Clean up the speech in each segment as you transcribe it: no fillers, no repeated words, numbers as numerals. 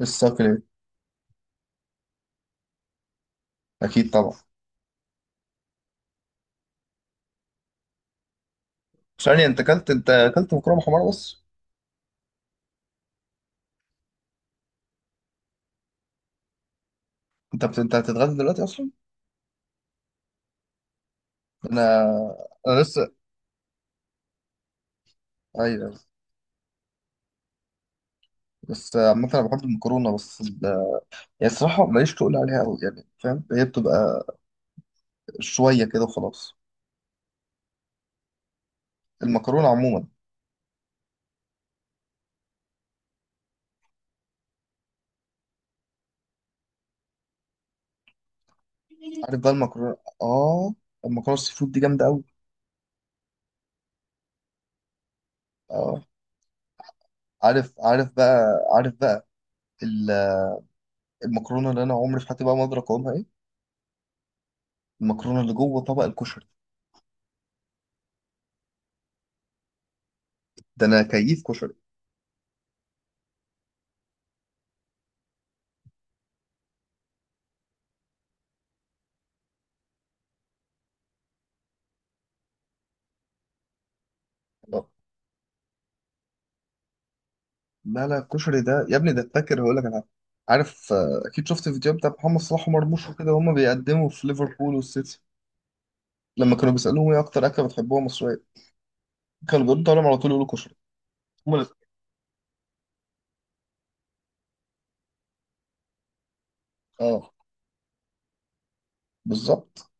الصقر. اكيد طبعا. ثانية، انت اكلت مكرونه حمراء بس. انت هتتغدى دلوقتي اصلا؟ انا انا لسه. ايوه، بس عامة انا بحب المكرونه، بس يعني الصراحه ماليش تقول عليها قوي، يعني فاهم، هي بتبقى شويه كده وخلاص. المكرونه عموما. عارف بقى المكرونه. اه، المكرونه السي فود دي جامده قوي. اه، عارف عارف بقى عارف بقى ال- المكرونه اللي انا عمري في حياتي بقى ما ادرك اقومها ايه؟ المكرونه اللي جوه طبق الكشري. ده انا كيف كشري. لا لا، الكشري ده يا ابني، ده فاكر هقول لك انا. عارف، اكيد شفت الفيديو بتاع محمد صلاح ومرموش وكده، وهما بيقدموا في ليفربول والسيتي. لما كانوا بيسالوهم ايه اكتر اكله بتحبوها مصريه، كانوا بيردوا عليهم على طول يقولوا كشري. هما الاتنين. اه، بالظبط.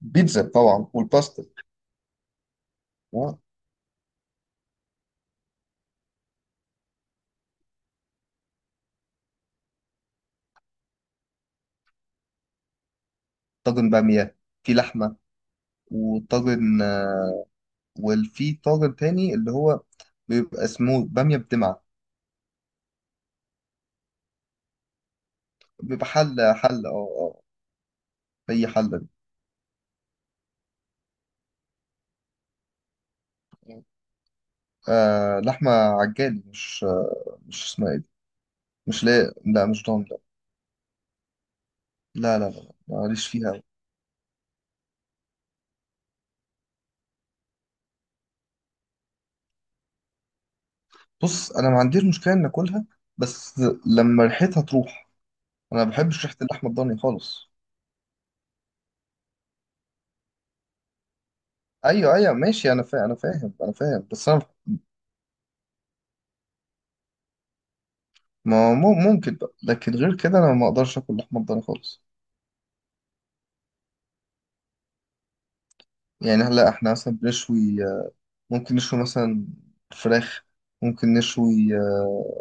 بيتزا طبعا والباستا. آه. طاجن باميه في لحمه، وطاجن آه، وفي طاجن تاني اللي هو بيبقى اسمه باميه بدمعه. بيبقى حله، حله. اه، اه. هي حله دي. آه، لحمه عجالي، مش اسمها إيه دي. مش، لا لا، مش ضامن، لا. لا لا لا لا ماليش فيها أوي. بص، انا ما عنديش مشكله ان اكلها، بس لما ريحتها تروح، انا ما بحبش ريحه اللحمه الضاني خالص. ايوه ايوه، ماشي، انا فاهم انا فاهم انا فاهم، بس انا ما مم- ممكن بقى، لكن غير كده انا ما اقدرش اكل لحمه الضاني خالص. يعني هلا احنا مثلا بنشوي، ممكن نشوي مثلا فراخ، ممكن نشوي،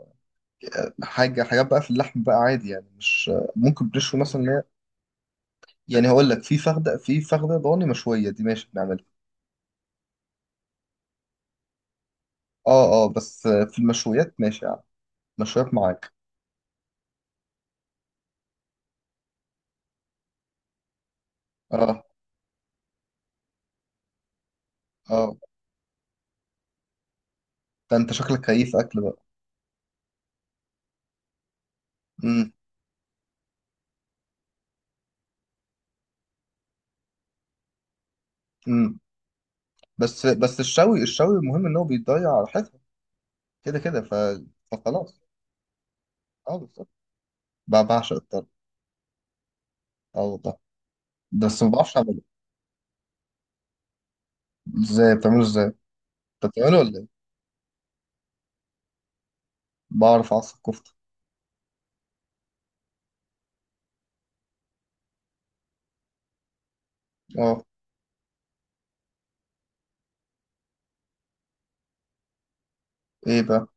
حاجات بقى في اللحم بقى عادي، يعني مش ممكن بنشوي مثلا. يعني هقول لك، في فخده ضاني مشويه دي ماشي بنعملها. اه اه، بس في المشويات ماشي يعني، مشويات معاك. اه اه، ده انت شكلك كيف اكل بقى. امم امم، بس الشوي الشوي، المهم ان هو بيضيع ريحتها كده كده. فخلاص. اه، بالظبط. بعشق الطرب. اه والله، بس ما بعرفش اعمله. ازاي بتعمله؟ ازاي انت بتعمله ولا ايه؟ بعرف اعصر كفته. اه. ايه بقى؟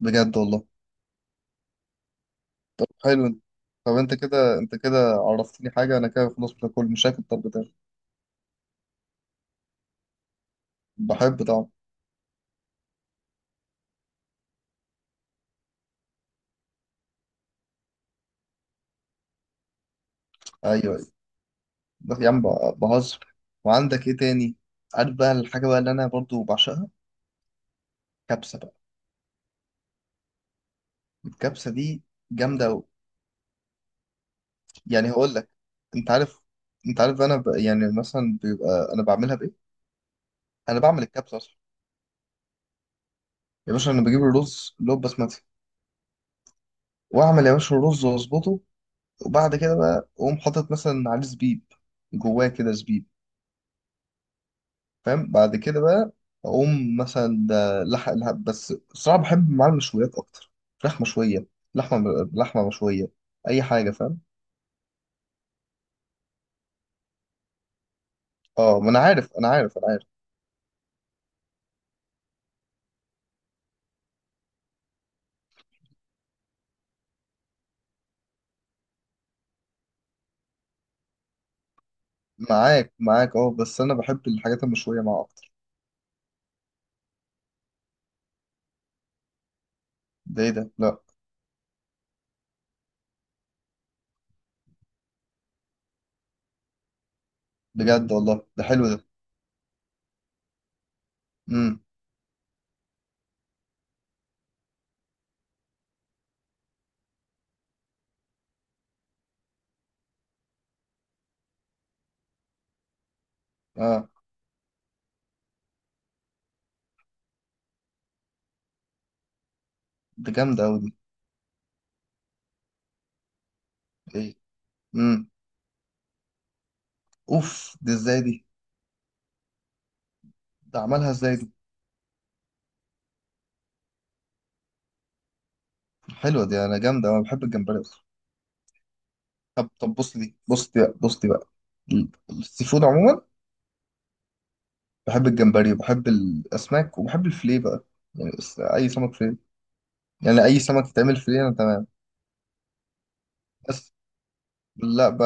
بجد والله؟ حلو انت. طب انت كده عرفتني حاجه، انا كده خلاص مش هاكل، مش هاكل الطرب تاني. بحب طعم. ايوه، بس يا عم، بهزر. وعندك ايه تاني؟ عارف بقى الحاجة بقى اللي انا برضو بعشقها؟ كبسة بقى. الكبسة دي جامدة أوي. يعني هقول لك، انت عارف، انت عارف، انا يعني مثلا بيبقى انا بعملها بايه. انا بعمل الكبسة اصلا. يا باشا، انا بجيب الرز اللي هو بسمتي، واعمل يا باشا الرز واظبطه، وبعد كده بقى اقوم حاطط مثلا عليه زبيب، جواه كده زبيب، فاهم. بعد كده بقى اقوم مثلا ده لحق لحق، بس الصراحه بحب معاه المشويات اكتر، فراخ مشويه، لحمه لحمه مشويه، اي حاجه فاهم. اه، ما انا عارف انا عارف انا عارف. معاك معاك، اه، بس انا بحب الحاجات المشويه معاه اكتر. ده ايه ده؟ لا. بجد والله؟ ده حلو ده. امم. اه، ده جامده قوي دي. ايه؟ امم. اوف، دي ازاي دي؟ ده عملها ازاي دي؟ حلوه دي انا، جامده، انا بحب الجمبري اكتر. طب طب، بص دي، بص دي بقى، بص دي بقى. السي فود عموما بحب الجمبري، وبحب الاسماك، وبحب الفيليه بقى. يعني بس اي سمك فيليه، يعني اي سمك يتعمل فيليه انا تمام. بس لا،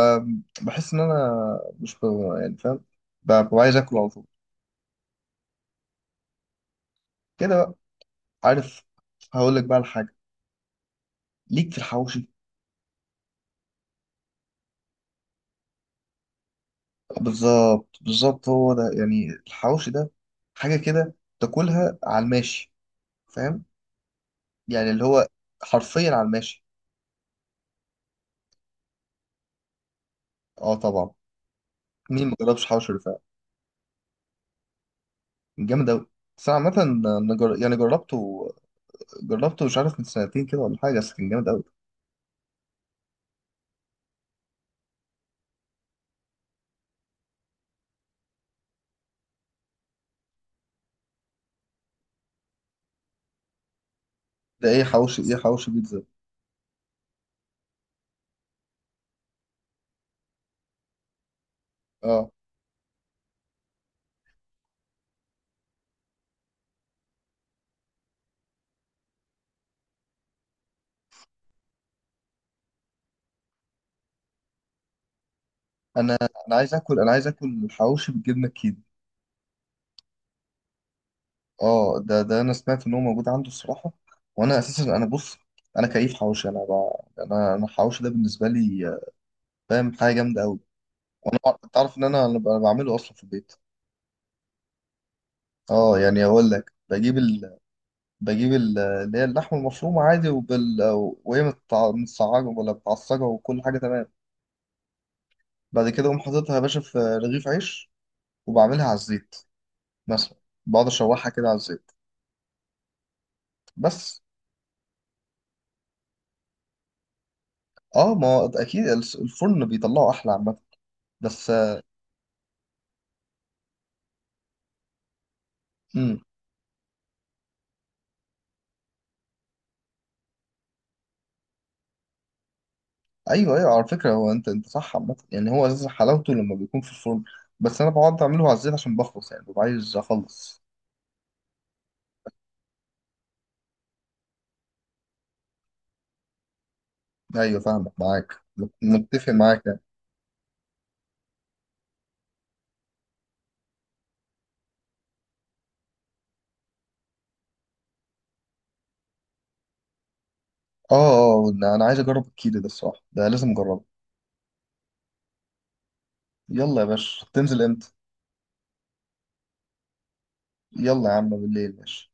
بحس ان انا مش، يعني فاهم، ببقى عايز اكل على طول كده بقى، عارف. هقول لك بقى الحاجه ليك في الحواوشي. بالظبط بالظبط، هو ده يعني الحواوشي ده، حاجه كده تاكلها على الماشي، فاهم، يعني اللي هو حرفيا على الماشي. اه طبعا، مين ما جربش حواوشي رفاعي. جامد اوي. بس انا عامة، أنا يعني جربته، جربته مش عارف من سنتين كده ولا حاجه، بس كان جامد قوي. ده ايه حواوشي؟ ايه حواوشي بيتزا؟ اه، انا انا عايز اكل، انا عايز اكل حواوشي بالجبنه الكيري. اه، ده انا سمعت ان هو موجود عنده الصراحه. وانا اساسا انا بص، انا كيف حواوشي، انا ب... انا انا الحواوشي ده بالنسبه لي، فاهم حاجه جامده قوي. انا تعرف ان انا بعمله اصلا في البيت. اه، يعني اقول لك اللي هي اللحمه المفرومه عادي، وهي متسعجه ولا متعصجه، وكل حاجه تمام. بعد كده اقوم حاططها يا باشا في رغيف عيش، وبعملها على الزيت مثلا، بقعد اشوحها كده على الزيت. بس اه، ما هو اكيد الفرن بيطلعه احلى عامه. بس امم، ايوه ايوه، على فكره هو انت صح، عامه يعني هو اساس حلاوته لما بيكون في الفرن. بس انا بقعد اعمله على الزيت عشان بخلص، يعني ببقى عايز اخلص. ايوه فاهمك، معاك، متفق معاك يعني. اه اه، انا عايز اجرب الكيري ده الصراحه، ده لازم اجربه. يلا يا باشا، تنزل امتى؟ يلا يا عم، بالليل ماشي.